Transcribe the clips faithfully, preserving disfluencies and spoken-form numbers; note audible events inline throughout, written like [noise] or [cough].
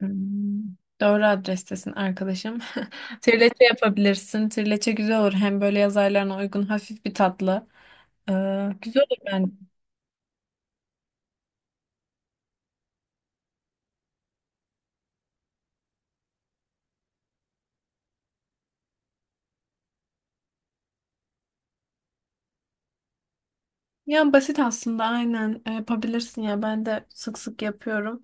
Hmm, Doğru adrestesin arkadaşım. [laughs] Trileçe yapabilirsin. Trileçe güzel olur. Hem böyle yaz aylarına uygun hafif bir tatlı. Ee, güzel olur ben. Yani basit aslında aynen Ee, yapabilirsin ya. Ben de sık sık yapıyorum.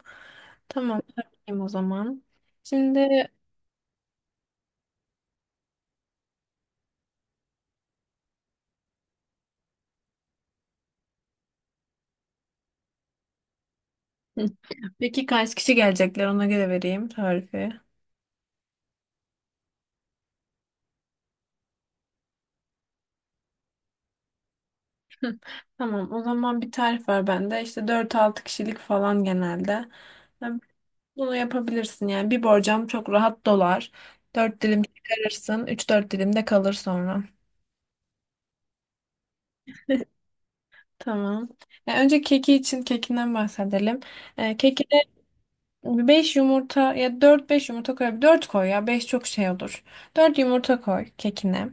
Tamam yapayım o zaman. Şimdi. Hı. Peki kaç kişi gelecekler, ona göre vereyim tarifi. Tamam o zaman bir tarif var bende. İşte dört altı kişilik falan genelde. Bunu yapabilirsin yani. Bir borcam çok rahat dolar. Dört dilim çıkarırsın. Üç dört dilim de kalır sonra. Tamam. Ya önce keki için kekinden bahsedelim. Ee, kekine beş yumurta ya dört beş yumurta koy. dört koy ya beş çok şey olur. dört yumurta koy kekine.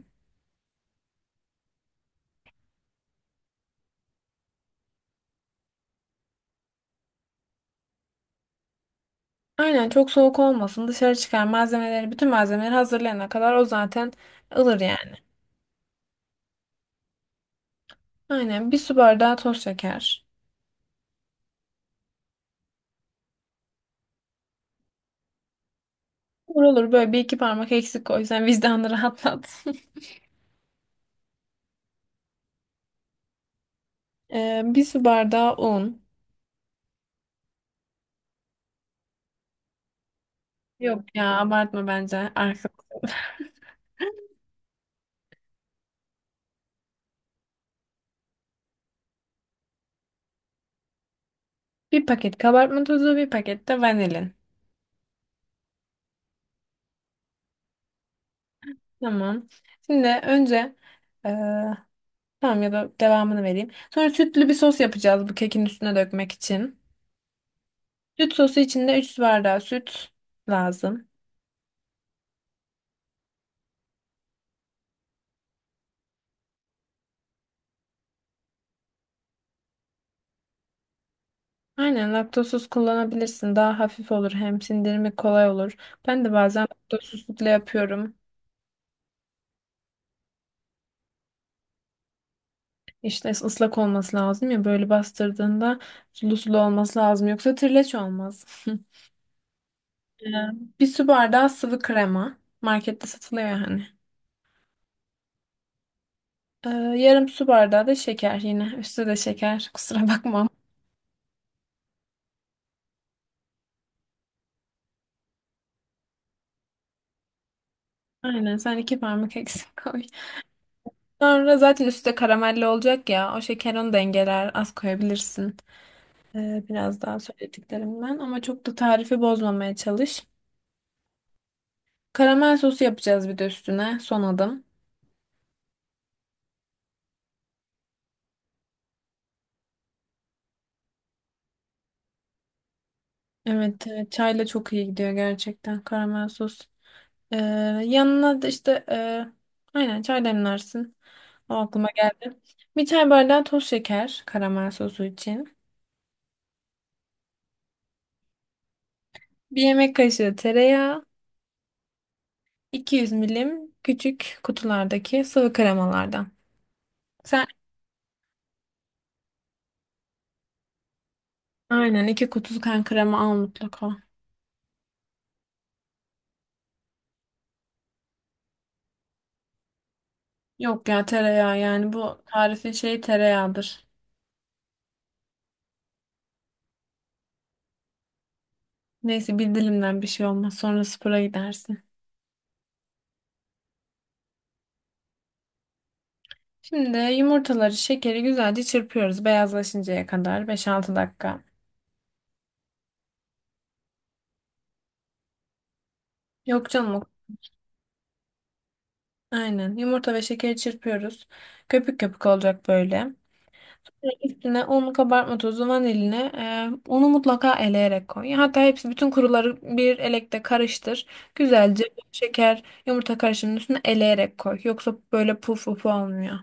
Aynen çok soğuk olmasın. Dışarı çıkar malzemeleri bütün malzemeleri hazırlayana kadar o zaten ılır yani. Aynen bir su bardağı toz şeker. Olur olur böyle bir iki parmak eksik koy. Sen vicdanını rahatlat. [laughs] Ee, bir su bardağı un. Yok ya abartma bence. Arka. Bir paket kabartma tozu, bir paket de vanilin. Tamam. Şimdi önce e, tamam ya da devamını vereyim. Sonra sütlü bir sos yapacağız bu kekin üstüne dökmek için. Süt sosu için de üç su bardağı süt lazım. Aynen laktozsuz kullanabilirsin. Daha hafif olur hem sindirimi kolay olur. Ben de bazen laktozsuz sütle yapıyorum. İşte ıslak olması lazım ya böyle bastırdığında sulu sulu olması lazım yoksa trileç olmaz. [laughs] Ee, bir su bardağı sıvı krema. Markette satılıyor hani. Ee, yarım su bardağı da şeker yine. Üstü de şeker. [laughs] Kusura bakma. Aynen sen iki parmak eksik koy. Sonra zaten üstü de karamelli olacak ya. O şeker onu dengeler. Az koyabilirsin. Ee, biraz daha söylediklerimden. Ama çok da tarifi bozmamaya çalış. Karamel sosu yapacağız bir de üstüne. Son adım. Evet, evet, çayla çok iyi gidiyor gerçekten karamel sos. Ee, yanına da işte e, aynen çay demlersin. O aklıma geldi. Bir çay bardağı toz şeker karamel sosu için. Bir yemek kaşığı tereyağı, iki yüz milim küçük kutulardaki sıvı kremalardan. Sen aynen iki kutu kan krema al mutlaka. Yok ya tereyağı yani bu tarifin şeyi tereyağıdır. Neyse bir dilimden bir şey olmaz sonra spora gidersin. Şimdi yumurtaları, şekeri güzelce çırpıyoruz beyazlaşıncaya kadar beş-altı dakika. Yok canım, o- aynen yumurta ve şekeri çırpıyoruz. Köpük köpük olacak böyle. Üstüne un, kabartma tozu, vanilini, e, unu mutlaka eleyerek koy. Hatta hepsi bütün kuruları bir elekte karıştır. Güzelce şeker, yumurta karışımının üstüne eleyerek koy. Yoksa böyle puf puf olmuyor.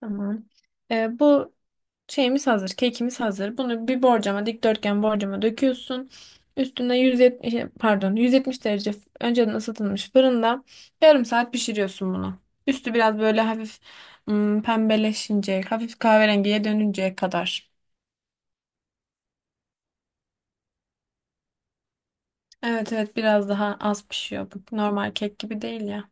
Tamam. Ee, bu şeyimiz hazır, kekimiz hazır. Bunu bir borcama, dikdörtgen borcama döküyorsun. Üstüne yüz yetmiş, şey, pardon, yüz yetmiş derece f- önceden ısıtılmış fırında yarım saat pişiriyorsun bunu. Üstü biraz böyle hafif ım, pembeleşince, hafif kahverengiye dönünceye kadar. Evet evet biraz daha az pişiyor. Bu normal kek gibi değil ya.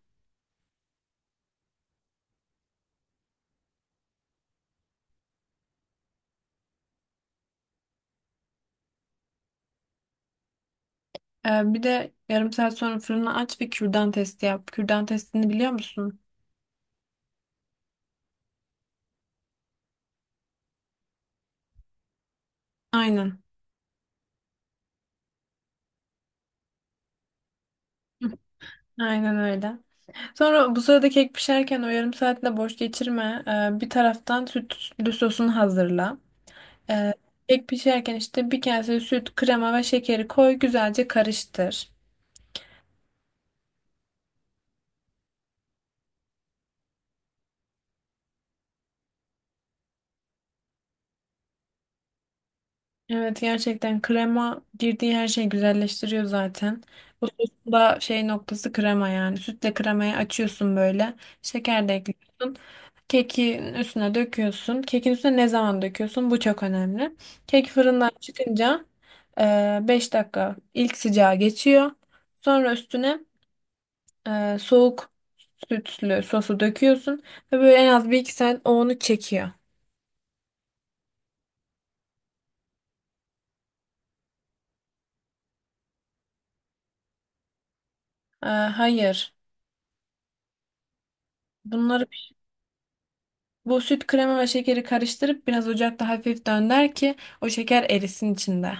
Ee, bir de yarım saat sonra fırını aç ve kürdan testi yap. Kürdan testini biliyor musun? Aynen. Hı, Aynen öyle. Sonra bu sırada kek pişerken o yarım saatinde boş geçirme. Ee, bir taraftan sütlü sosunu hazırla. Ee, kek pişerken işte bir kase süt, krema ve şekeri koy, güzelce karıştır. Evet gerçekten krema girdiği her şeyi güzelleştiriyor zaten. Bu sosun da şey noktası krema yani. Sütle kremayı açıyorsun böyle. Şeker de ekliyorsun. Kekin üstüne döküyorsun. Kekin üstüne ne zaman döküyorsun? Bu çok önemli. Kek fırından çıkınca beş dakika ilk sıcağı geçiyor. Sonra üstüne e, soğuk sütlü sosu döküyorsun. Ve böyle en az bir iki saat o onu çekiyor. E, hayır. Bunları bu süt krema ve şekeri karıştırıp biraz ocakta hafif dönder ki o şeker erisin içinde.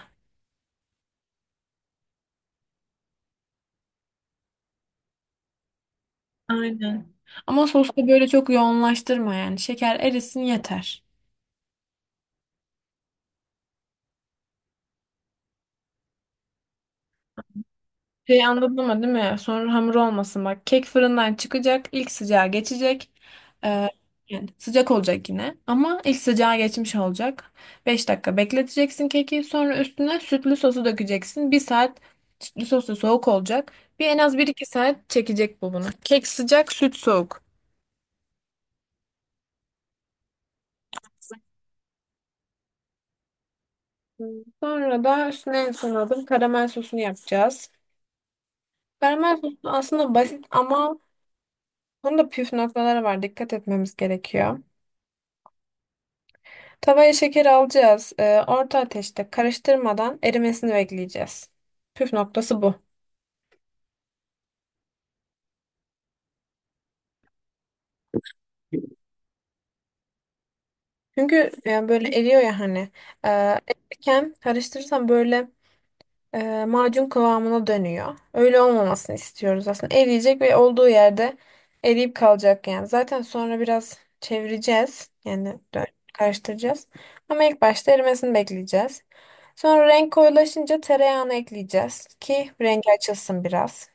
Aynen. Ama sosu da böyle çok yoğunlaştırma yani. Şeker erisin yeter. Şey anladın mı değil mi? Sonra hamur olmasın bak. Kek fırından çıkacak. İlk sıcağı geçecek. Ee, yani sıcak olacak yine. Ama ilk sıcağı geçmiş olacak. Beş dakika bekleteceksin keki. Sonra üstüne sütlü sosu dökeceksin. Bir saat sütlü sosu soğuk olacak. Bir en az bir iki saat çekecek bu bunu. Kek sıcak, süt soğuk. Hmm. Sonra da üstüne en son adım karamel sosunu yapacağız. Karamel sosu aslında basit ama bunun da püf noktaları var. Dikkat etmemiz gerekiyor. Tavaya şeker alacağız. Ee, orta ateşte karıştırmadan erimesini bekleyeceğiz. Püf noktası bu. Çünkü yani böyle eriyor ya hani. Ee, erirken karıştırırsan böyle e, macun kıvamına dönüyor. Öyle olmamasını istiyoruz aslında. Eriyecek ve olduğu yerde eriyip kalacak yani. Zaten sonra biraz çevireceğiz. Yani dö- karıştıracağız. Ama ilk başta erimesini bekleyeceğiz. Sonra renk koyulaşınca tereyağını ekleyeceğiz ki rengi açılsın biraz.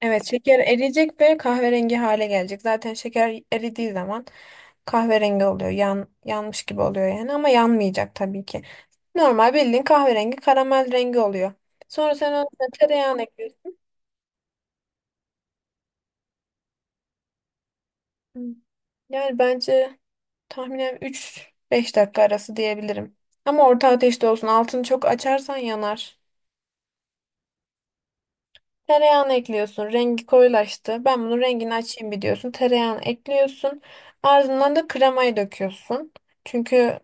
Evet, şeker eriyecek ve kahverengi hale gelecek. Zaten şeker eridiği zaman kahverengi oluyor. Yan, yanmış gibi oluyor yani ama yanmayacak tabii ki. Normal bildiğin kahverengi karamel rengi oluyor. Sonra sen ona tereyağını ekliyorsun. Hı. Yani bence tahminen üç beş dakika arası diyebilirim. Ama orta ateşte olsun. Altını çok açarsan yanar. Tereyağını ekliyorsun. Rengi koyulaştı. Ben bunun rengini açayım bir diyorsun. Tereyağını ekliyorsun. Ardından da kremayı döküyorsun. Çünkü.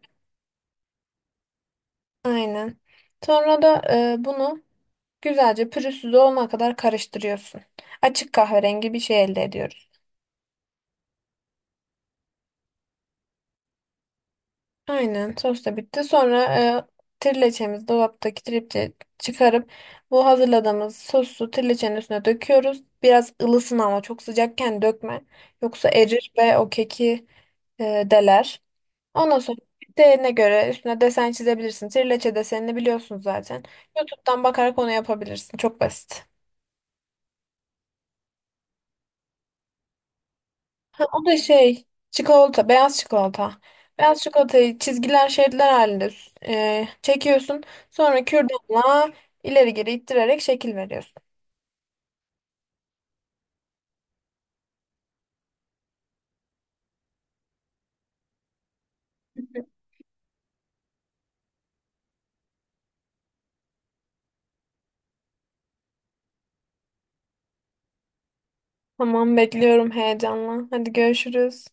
Aynen. Sonra da e, bunu güzelce pürüzsüz olana kadar karıştırıyorsun. Açık kahverengi bir şey elde ediyoruz. Aynen sos da bitti. Sonra e, trileçemizi dolaptaki tripçe çıkarıp bu hazırladığımız sosu trileçenin üstüne döküyoruz. Biraz ılısın ama çok sıcakken dökme. Yoksa erir ve o keki e, deler. Ondan sonra isteğine göre üstüne desen çizebilirsin. Trileçe desenini biliyorsun zaten. YouTube'dan bakarak onu yapabilirsin. Çok basit. Ha, o da şey çikolata, beyaz çikolata. Beyaz çikolatayı çizgiler, şeritler halinde e, çekiyorsun. Sonra kürdanla ileri geri ittirerek şekil veriyorsun. Tamam bekliyorum heyecanla. Hadi görüşürüz.